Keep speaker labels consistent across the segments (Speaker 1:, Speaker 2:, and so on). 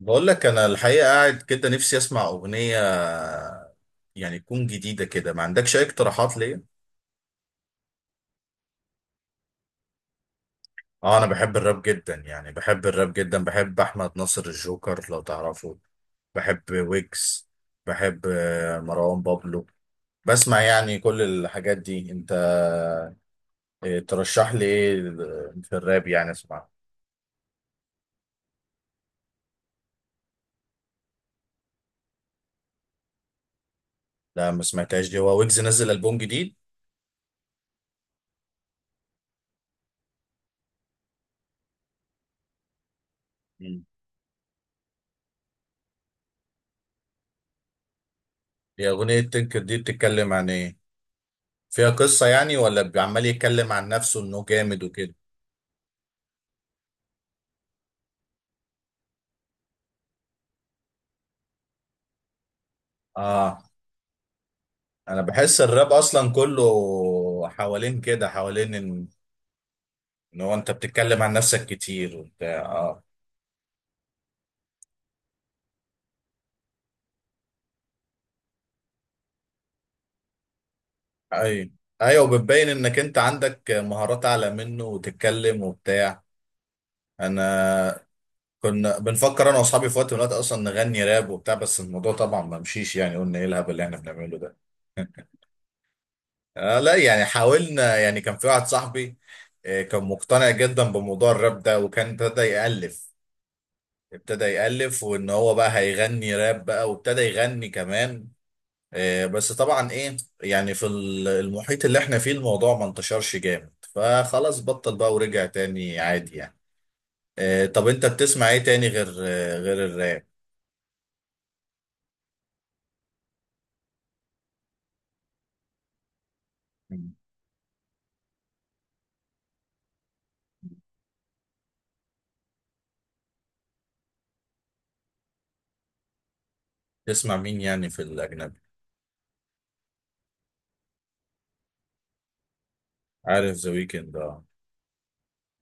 Speaker 1: بقول لك انا الحقيقه قاعد كده، نفسي اسمع اغنيه يعني تكون جديده كده. ما عندكش اي اقتراحات ليا؟ اه، انا بحب الراب جدا، يعني بحب الراب جدا. بحب احمد ناصر الجوكر لو تعرفه. بحب ويجز. بحب مروان بابلو. بسمع يعني كل الحاجات دي. انت ترشح لي ايه في الراب يعني اسمع؟ لا، ما سمعتهاش دي. هو ويجز نزل البوم جديد؟ مم. دي اغنيه تنكر دي بتتكلم عن ايه؟ فيها قصة يعني، ولا بيبقى عمال يتكلم عن نفسه انه جامد وكده؟ اه، انا بحس الراب اصلا كله حوالين كده، حوالين ان... إن هو انت بتتكلم عن نفسك كتير وبتاع، اه. ايوه، ايوه، وبتبين انك انت عندك مهارات اعلى منه وتتكلم وبتاع. انا كنا بنفكر انا واصحابي في وقت من الوقت اصلا نغني راب وبتاع، بس الموضوع طبعا ما مشيش. يعني قلنا ايه الهبل اللي احنا بنعمله ده. لا، يعني حاولنا. يعني كان في واحد صاحبي، كان مقتنع جدا بموضوع الراب ده، وكان ابتدى يألف. ابتدى يألف وان هو بقى هيغني راب بقى، وابتدى يغني كمان. بس طبعا ايه. يعني في المحيط اللي احنا فيه الموضوع ما انتشرش جامد، فخلاص بطل بقى ورجع تاني عادي يعني. طب انت بتسمع ايه تاني غير غير الراب؟ مم. تسمع مين يعني في الاجنبي؟ عارف ذا ويكند.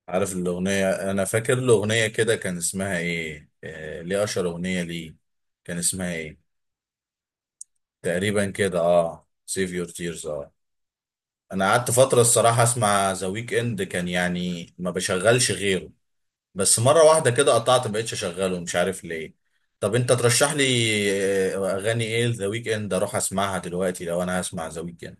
Speaker 1: عارف الأغنية؟ أنا فاكر الأغنية كده كان اسمها إيه، ليه أشهر أغنية ليه، كان اسمها إيه؟ تقريبا كده أه، سيف يور تيرز أه. أنا قعدت فترة الصراحة أسمع ذا ويك إند، كان يعني ما بشغلش غيره. بس مرة واحدة كده قطعت، مبقتش أشغله، مش عارف ليه. طب أنت ترشح لي أغاني إيه ذا ويك إند أروح أسمعها دلوقتي لو أنا هسمع ذا ويك إند؟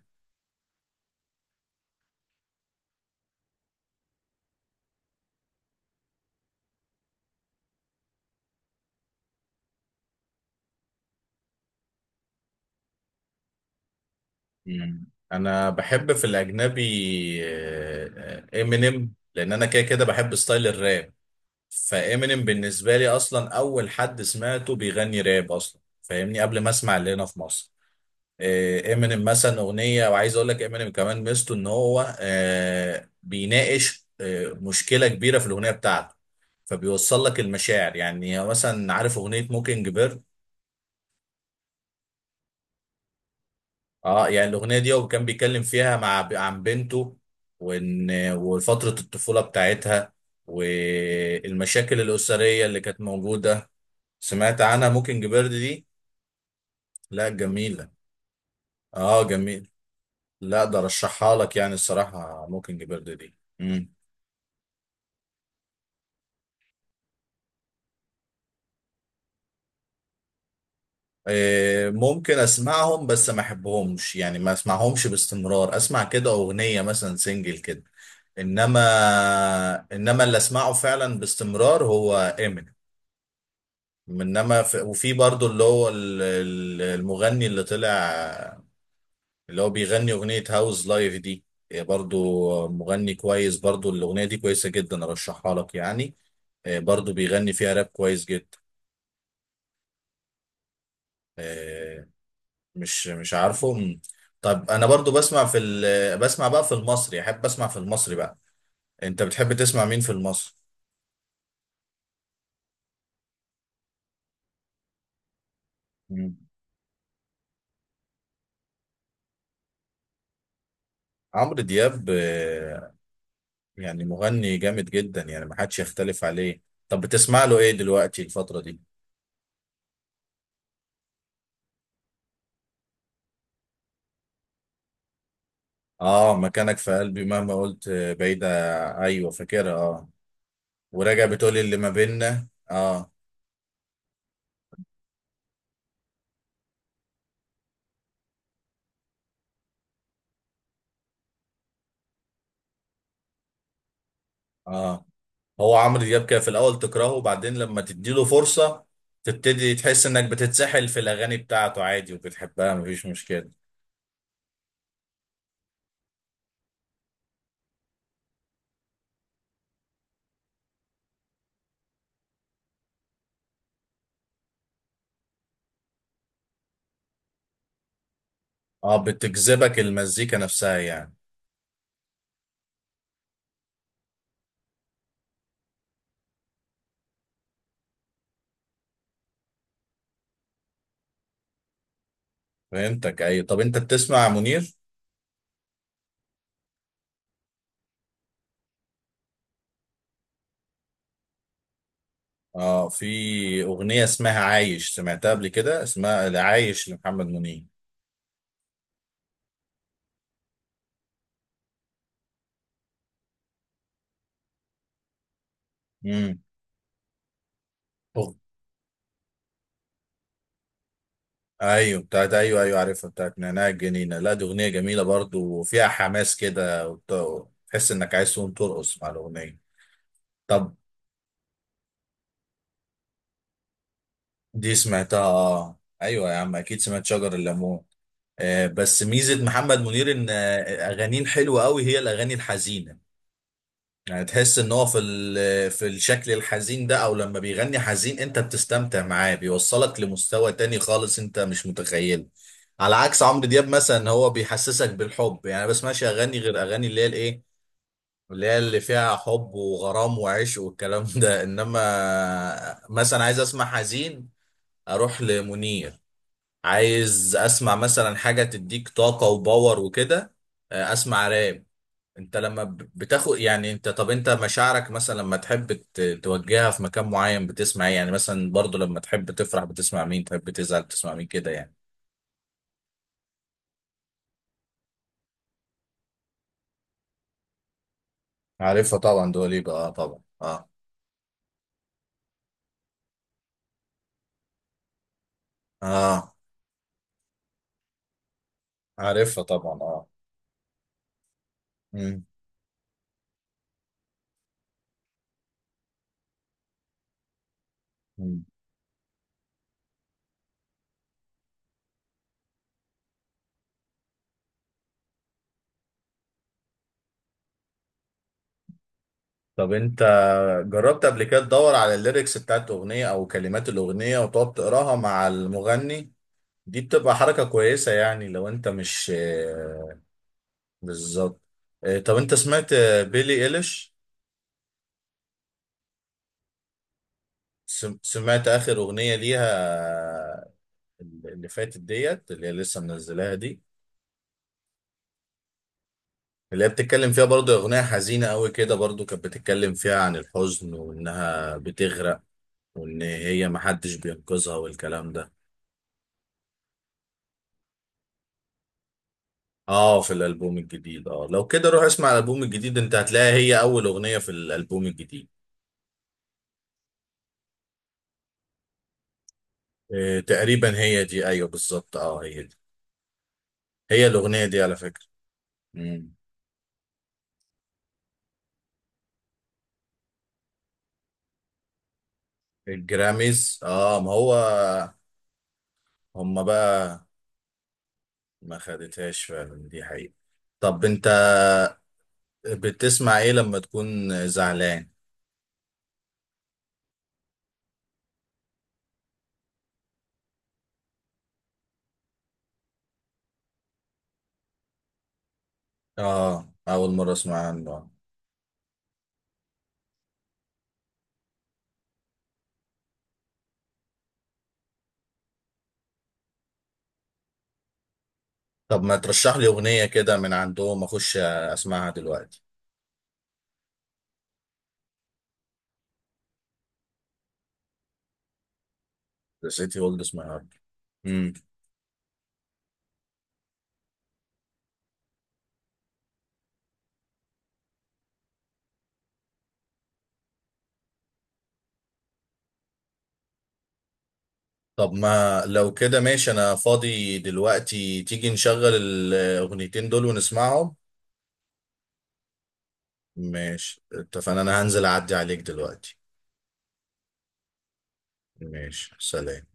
Speaker 1: مم. أنا بحب في الأجنبي إمينيم، لأن أنا كده كده بحب ستايل الراب. فامينيم بالنسبه لي اصلا اول حد سمعته بيغني راب اصلا فاهمني، قبل ما اسمع اللي هنا في مصر. إيه، امينيم مثلا اغنيه. وعايز اقول لك امينيم كمان ميزته ان هو بيناقش مشكله كبيره في الاغنيه بتاعته. فبيوصل لك المشاعر. يعني مثلا عارف اغنيه موكينج بيرد؟ اه، يعني الاغنيه دي هو كان بيتكلم فيها مع عن بنته، وان... وفتره الطفوله بتاعتها، والمشاكل الاسريه اللي كانت موجوده. سمعت عنها موكينج بيرد دي؟ لا، جميلة. اه، جميل. لا، ده رشحها لك يعني الصراحة موكينج بيرد دي. مم. إيه، ممكن اسمعهم بس ما احبهمش يعني، ما اسمعهمش باستمرار. اسمع كده اغنية مثلا سنجل كده. انما... انما اللي اسمعه فعلا باستمرار هو امينيم. انما وفي برضو اللي هو المغني اللي طلع، اللي هو بيغني اغنية هاوز لايف دي. برضو مغني كويس، برضو الاغنية دي كويسة جدا ارشحها لك يعني. برضو بيغني فيها راب كويس جدا. آه، مش عارفه طب انا برضو بسمع في بسمع بقى في المصري، احب اسمع في المصري بقى. انت بتحب تسمع مين في المصري؟ مم. عمرو دياب، يعني مغني جامد جدا، يعني ما حدش يختلف عليه. طب بتسمع له ايه دلوقتي الفترة دي؟ اه، مكانك في قلبي مهما قلت بعيدة. ايوه فاكرها اه. وراجع بتقول اللي ما بيننا، اه، اه. هو عمرو دياب كان في الاول تكرهه، وبعدين لما تديله فرصة تبتدي تحس انك بتتسحل في الاغاني بتاعته عادي وبتحبها، مفيش مشكلة. اه، بتجذبك المزيكا نفسها يعني. فهمتك اي. طب انت بتسمع منير؟ اه، في اغنية اسمها عايش، سمعتها قبل كده، اسمها عايش لمحمد منير. امم. ايوه بتاعت، ايوه، ايوه عارفها بتاعت نعناع الجنينه. لا، دي اغنيه جميله برضو، وفيها حماس كده، تحس انك عايز تقوم ترقص مع الاغنيه. طب دي سمعتها اه، ايوه يا عم اكيد سمعت شجر الليمون. آه، بس ميزه محمد منير ان اغانيه الحلوه قوي هي الاغاني الحزينه. يعني تحس ان هو في في الشكل الحزين ده، او لما بيغني حزين انت بتستمتع معاه، بيوصلك لمستوى تاني خالص انت مش متخيله. على عكس عمرو دياب مثلا، هو بيحسسك بالحب، يعني ما بسمعش اغاني غير اغاني اللي هي الايه، اللي هي اللي فيها حب وغرام وعشق والكلام ده. انما مثلا عايز اسمع حزين، اروح لمنير. عايز اسمع مثلا حاجة تديك طاقة وباور وكده، اسمع راب. انت لما بتاخد يعني انت، طب انت مشاعرك مثلا لما تحب توجهها في مكان معين بتسمع ايه يعني؟ مثلا برضو لما تحب تفرح بتسمع مين، تحب تزعل بتسمع مين كده يعني؟ عارفها طبعا، دواليبا اه، طبعا، اه. اه، عارفها طبعا، اه. مم. مم. طب انت جربت قبل كده تدور على الليركس بتاعت اغنية او كلمات الاغنية وتقعد تقراها مع المغني؟ دي بتبقى حركة كويسة يعني، لو انت مش بالظبط. طب انت سمعت بيلي ايليش؟ سمعت آخر أغنية ليها، اللي فاتت ديت اللي هي لسه منزلاها دي؟ اللي هي بتتكلم فيها برضو أغنية حزينة قوي كده، برضو كانت بتتكلم فيها عن الحزن وإنها بتغرق، وإن هي محدش بينقذها والكلام ده. اه، في الألبوم الجديد اه، لو كده روح اسمع الألبوم الجديد انت هتلاقيها، هي أول أغنية في الألبوم الجديد. إيه تقريبا هي دي، أيوه بالظبط اه هي دي. هي الأغنية دي على فكرة. مم. الجراميز، اه، ما هو. هما بقى. ما خدتهاش فعلا، دي حقيقة. طب انت بتسمع ايه لما تكون زعلان؟ اه، اول مرة اسمع عنه آه. طب ما ترشح لي اغنية كده من عندهم اخش اسمعها دلوقتي. The City Holds My Heart. امم. طب ما لو كده ماشي، انا فاضي دلوقتي تيجي نشغل الاغنيتين دول ونسمعهم. ماشي اتفقنا. انا هنزل اعدي عليك دلوقتي. ماشي، سلام.